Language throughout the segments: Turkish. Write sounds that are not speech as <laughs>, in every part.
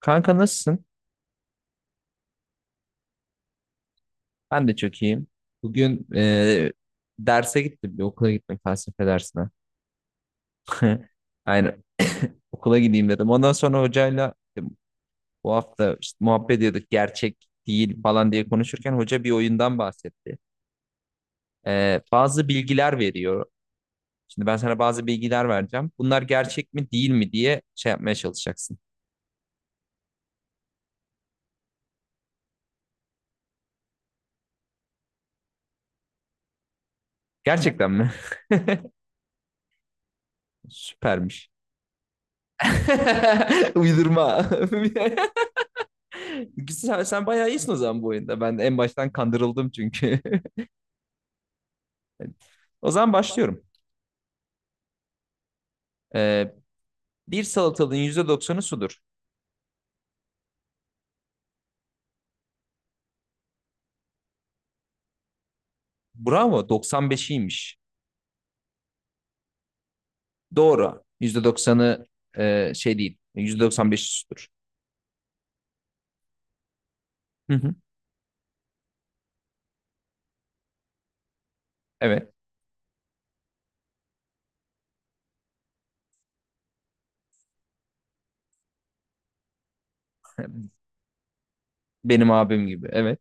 Kanka nasılsın? Ben de çok iyiyim. Bugün derse gittim. Bir okula gittim felsefe dersine. <laughs> Aynen okula gideyim dedim. Ondan sonra hocayla işte bu hafta işte muhabbet ediyorduk. Gerçek değil falan diye konuşurken hoca bir oyundan bahsetti. Bazı bilgiler veriyor. Şimdi ben sana bazı bilgiler vereceğim. Bunlar gerçek mi değil mi diye şey yapmaya çalışacaksın. Gerçekten mi? <laughs> Süpermiş. <laughs> Uydurma. <laughs> <laughs> Sen bayağı iyisin o zaman bu oyunda. Ben en baştan kandırıldım çünkü. <laughs> O zaman başlıyorum. Ee, Bir salatalığın %90'ı sudur. Bravo, 95'iymiş. Doğru. %90'ı şey değil. %95'i sudur. Hı hı. Evet. Benim abim gibi. Evet.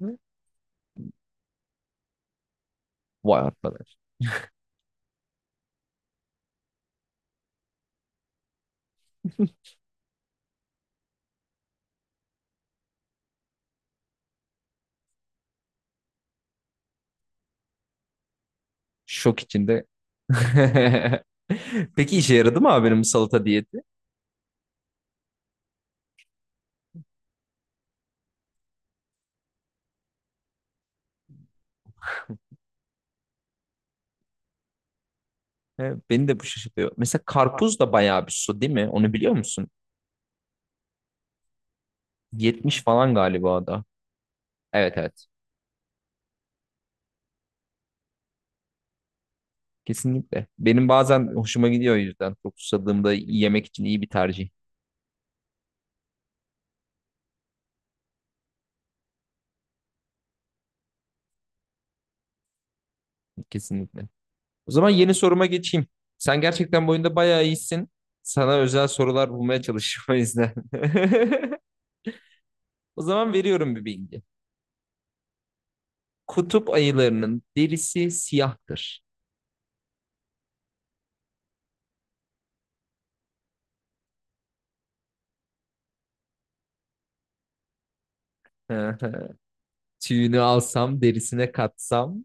<laughs> Vay arkadaş. <laughs> Şok içinde. <laughs> Peki işe yaradı mı abinin bu salata diyeti? He, beni de bu şaşırtıyor. Mesela karpuz da bayağı bir su değil mi? Onu biliyor musun? 70 falan galiba da. Evet, evet. Kesinlikle. Benim bazen hoşuma gidiyor o yüzden. Çok susadığımda yemek için iyi bir tercih. Kesinlikle. O zaman yeni soruma geçeyim. Sen gerçekten bu oyunda bayağı iyisin. Sana özel sorular bulmaya çalışıyorum o yüzden. <laughs> O zaman veriyorum bir bilgi. Kutup ayılarının derisi siyahtır. <laughs> Tüyünü alsam, derisine katsam.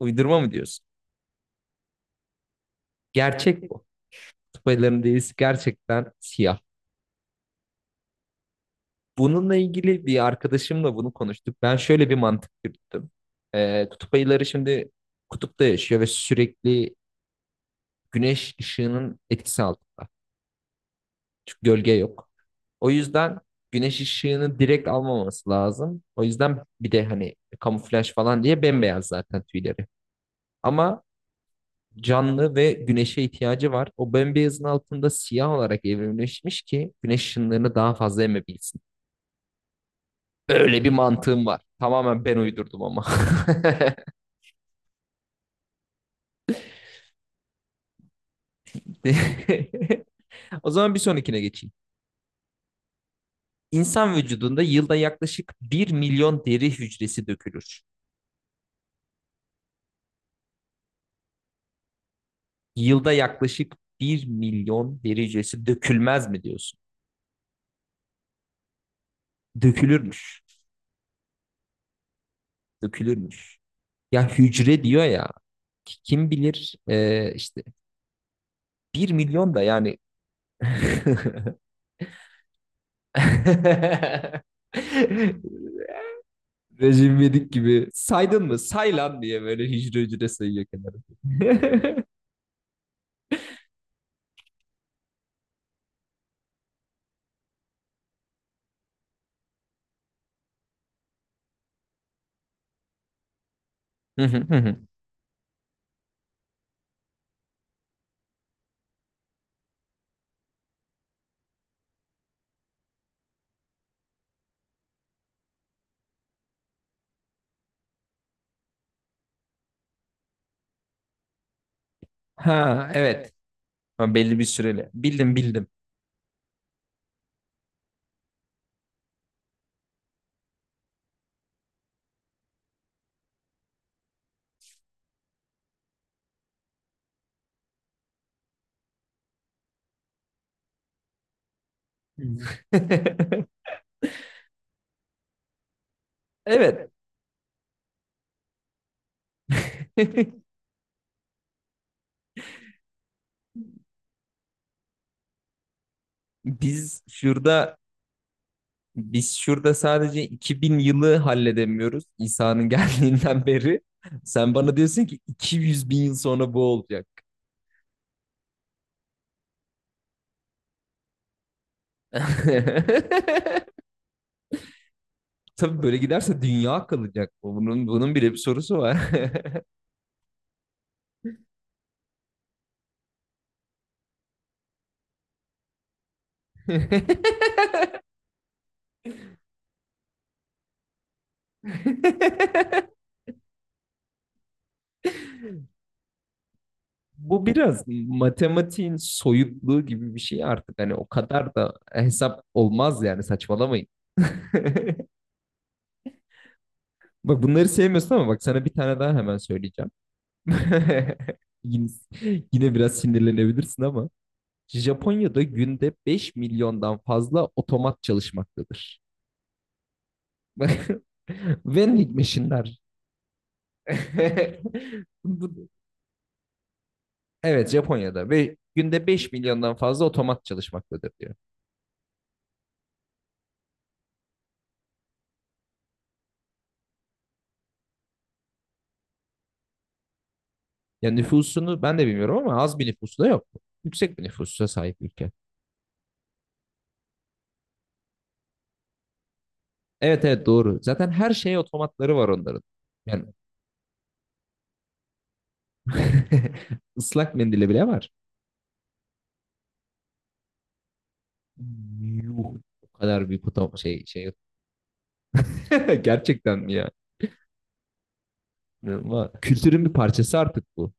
Uydurma mı diyorsun? Gerçek bu. Kutup ayılarının derisi gerçekten siyah. Bununla ilgili bir arkadaşımla bunu konuştuk. Ben şöyle bir mantık yürüttüm. Kutup ayıları şimdi kutupta yaşıyor ve sürekli güneş ışığının etkisi altında. Çünkü gölge yok. O yüzden güneş ışığını direkt almaması lazım. O yüzden bir de hani kamuflaj falan diye bembeyaz zaten tüyleri. Ama canlı ve güneşe ihtiyacı var. O bembeyazın altında siyah olarak evrimleşmiş ki güneş ışınlarını daha fazla emebilsin. Öyle bir mantığım var. Tamamen ben uydurdum ama. <laughs> O zaman bir sonrakine geçeyim. İnsan vücudunda yılda yaklaşık 1 milyon deri hücresi dökülür. Yılda yaklaşık bir milyon deri hücresi dökülmez mi diyorsun? Dökülürmüş. Dökülürmüş. Ya hücre diyor ya. Kim bilir işte 1 milyon da yani <laughs> Recep İvedik gibi saydın mı? Say lan diye böyle hücre hücre sayıyor kenara. <laughs> Ha, evet. Ama belli bir süreli. Bildim bildim. <laughs> Evet. <laughs> Biz şurada biz şurada sadece 2000 yılı halledemiyoruz İsa'nın <laughs> geldiğinden beri. Sen bana diyorsun ki 200 bin yıl sonra bu olacak. <laughs> Tabii böyle giderse dünya kalacak. Bunun bile bir sorusu var. <laughs> <laughs> Bu biraz matematiğin soyutluğu gibi bir şey artık. Hani o kadar da hesap olmaz yani saçmalamayın. <laughs> Bak bunları sevmiyorsun ama bak sana bir tane daha hemen söyleyeceğim. <laughs> Yine, yine, biraz sinirlenebilirsin ama Japonya'da günde 5 milyondan fazla otomat çalışmaktadır. <laughs> Vending machine'ler. <laughs> Evet, Japonya'da ve günde 5 milyondan fazla otomat çalışmaktadır diyor. Ya nüfusunu ben de bilmiyorum ama az bir nüfusu da yok. Yüksek bir nüfusa sahip ülke. Evet, evet, doğru. Zaten her şeye otomatları var onların. Yani <laughs> ıslak mendili bile var. Yuh. O kadar büyük şey şey. <laughs> Gerçekten mi ya? İnanılmaz. Kültürün bir parçası artık bu.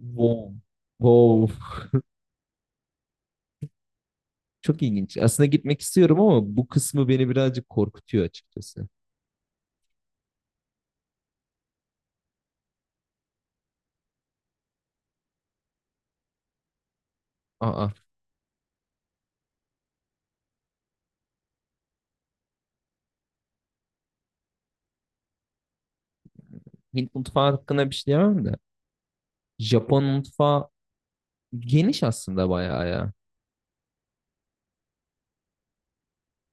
Wow. Wow. Çok ilginç. Aslında gitmek istiyorum ama bu kısmı beni birazcık korkutuyor açıkçası. Aa, Hint mutfağı hakkında bir şey diyemem de. Japon mutfağı geniş aslında bayağı ya.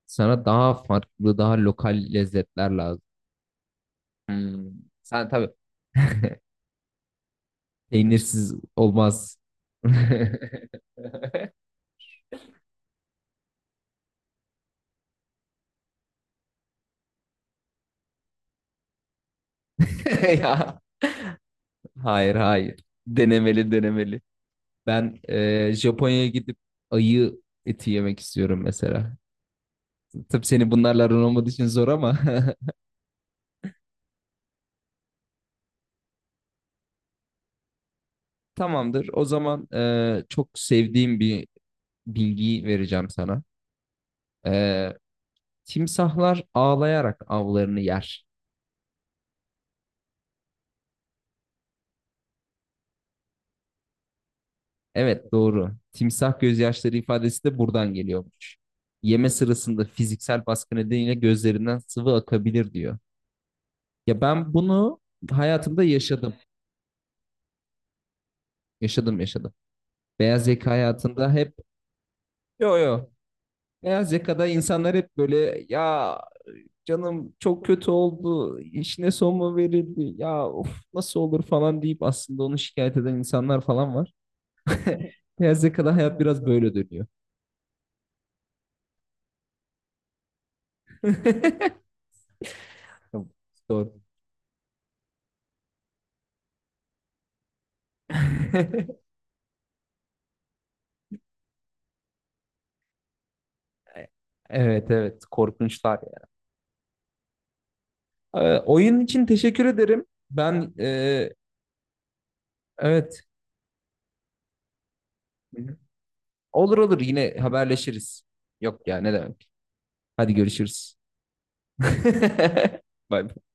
Sana daha farklı, daha lokal lezzetler lazım. Hmm. Sen tabii peynirsiz olmaz. <laughs> Ya, hayır, hayır. Denemeli, denemeli. Ben Japonya'ya gidip ayı eti yemek istiyorum mesela. Tabii senin bunlarla aran olmadığı için zor ama <laughs> tamamdır. O zaman çok sevdiğim bir bilgiyi vereceğim sana. E, Timsahlar ağlayarak avlarını yer. Evet, doğru. Timsah gözyaşları ifadesi de buradan geliyormuş. Yeme sırasında fiziksel baskı nedeniyle gözlerinden sıvı akabilir diyor. Ya ben bunu hayatımda yaşadım. Yaşadım, yaşadım. Beyaz yaka hayatında hep yo, yo. Beyaz yakada insanlar hep böyle ya, canım çok kötü oldu. İşine son mu verildi? Ya of, nasıl olur falan deyip aslında onu şikayet eden insanlar falan var. <laughs> Beyaz yakada hayat biraz böyle dönüyor. <laughs> Doğru. <laughs> Evet, evet, korkunçlar ya. Oyun için teşekkür ederim. Ben e, evet. Hı hı. Olur, olur, yine haberleşiriz. Yok ya, ne demek. Hadi görüşürüz. <laughs> Bay bay.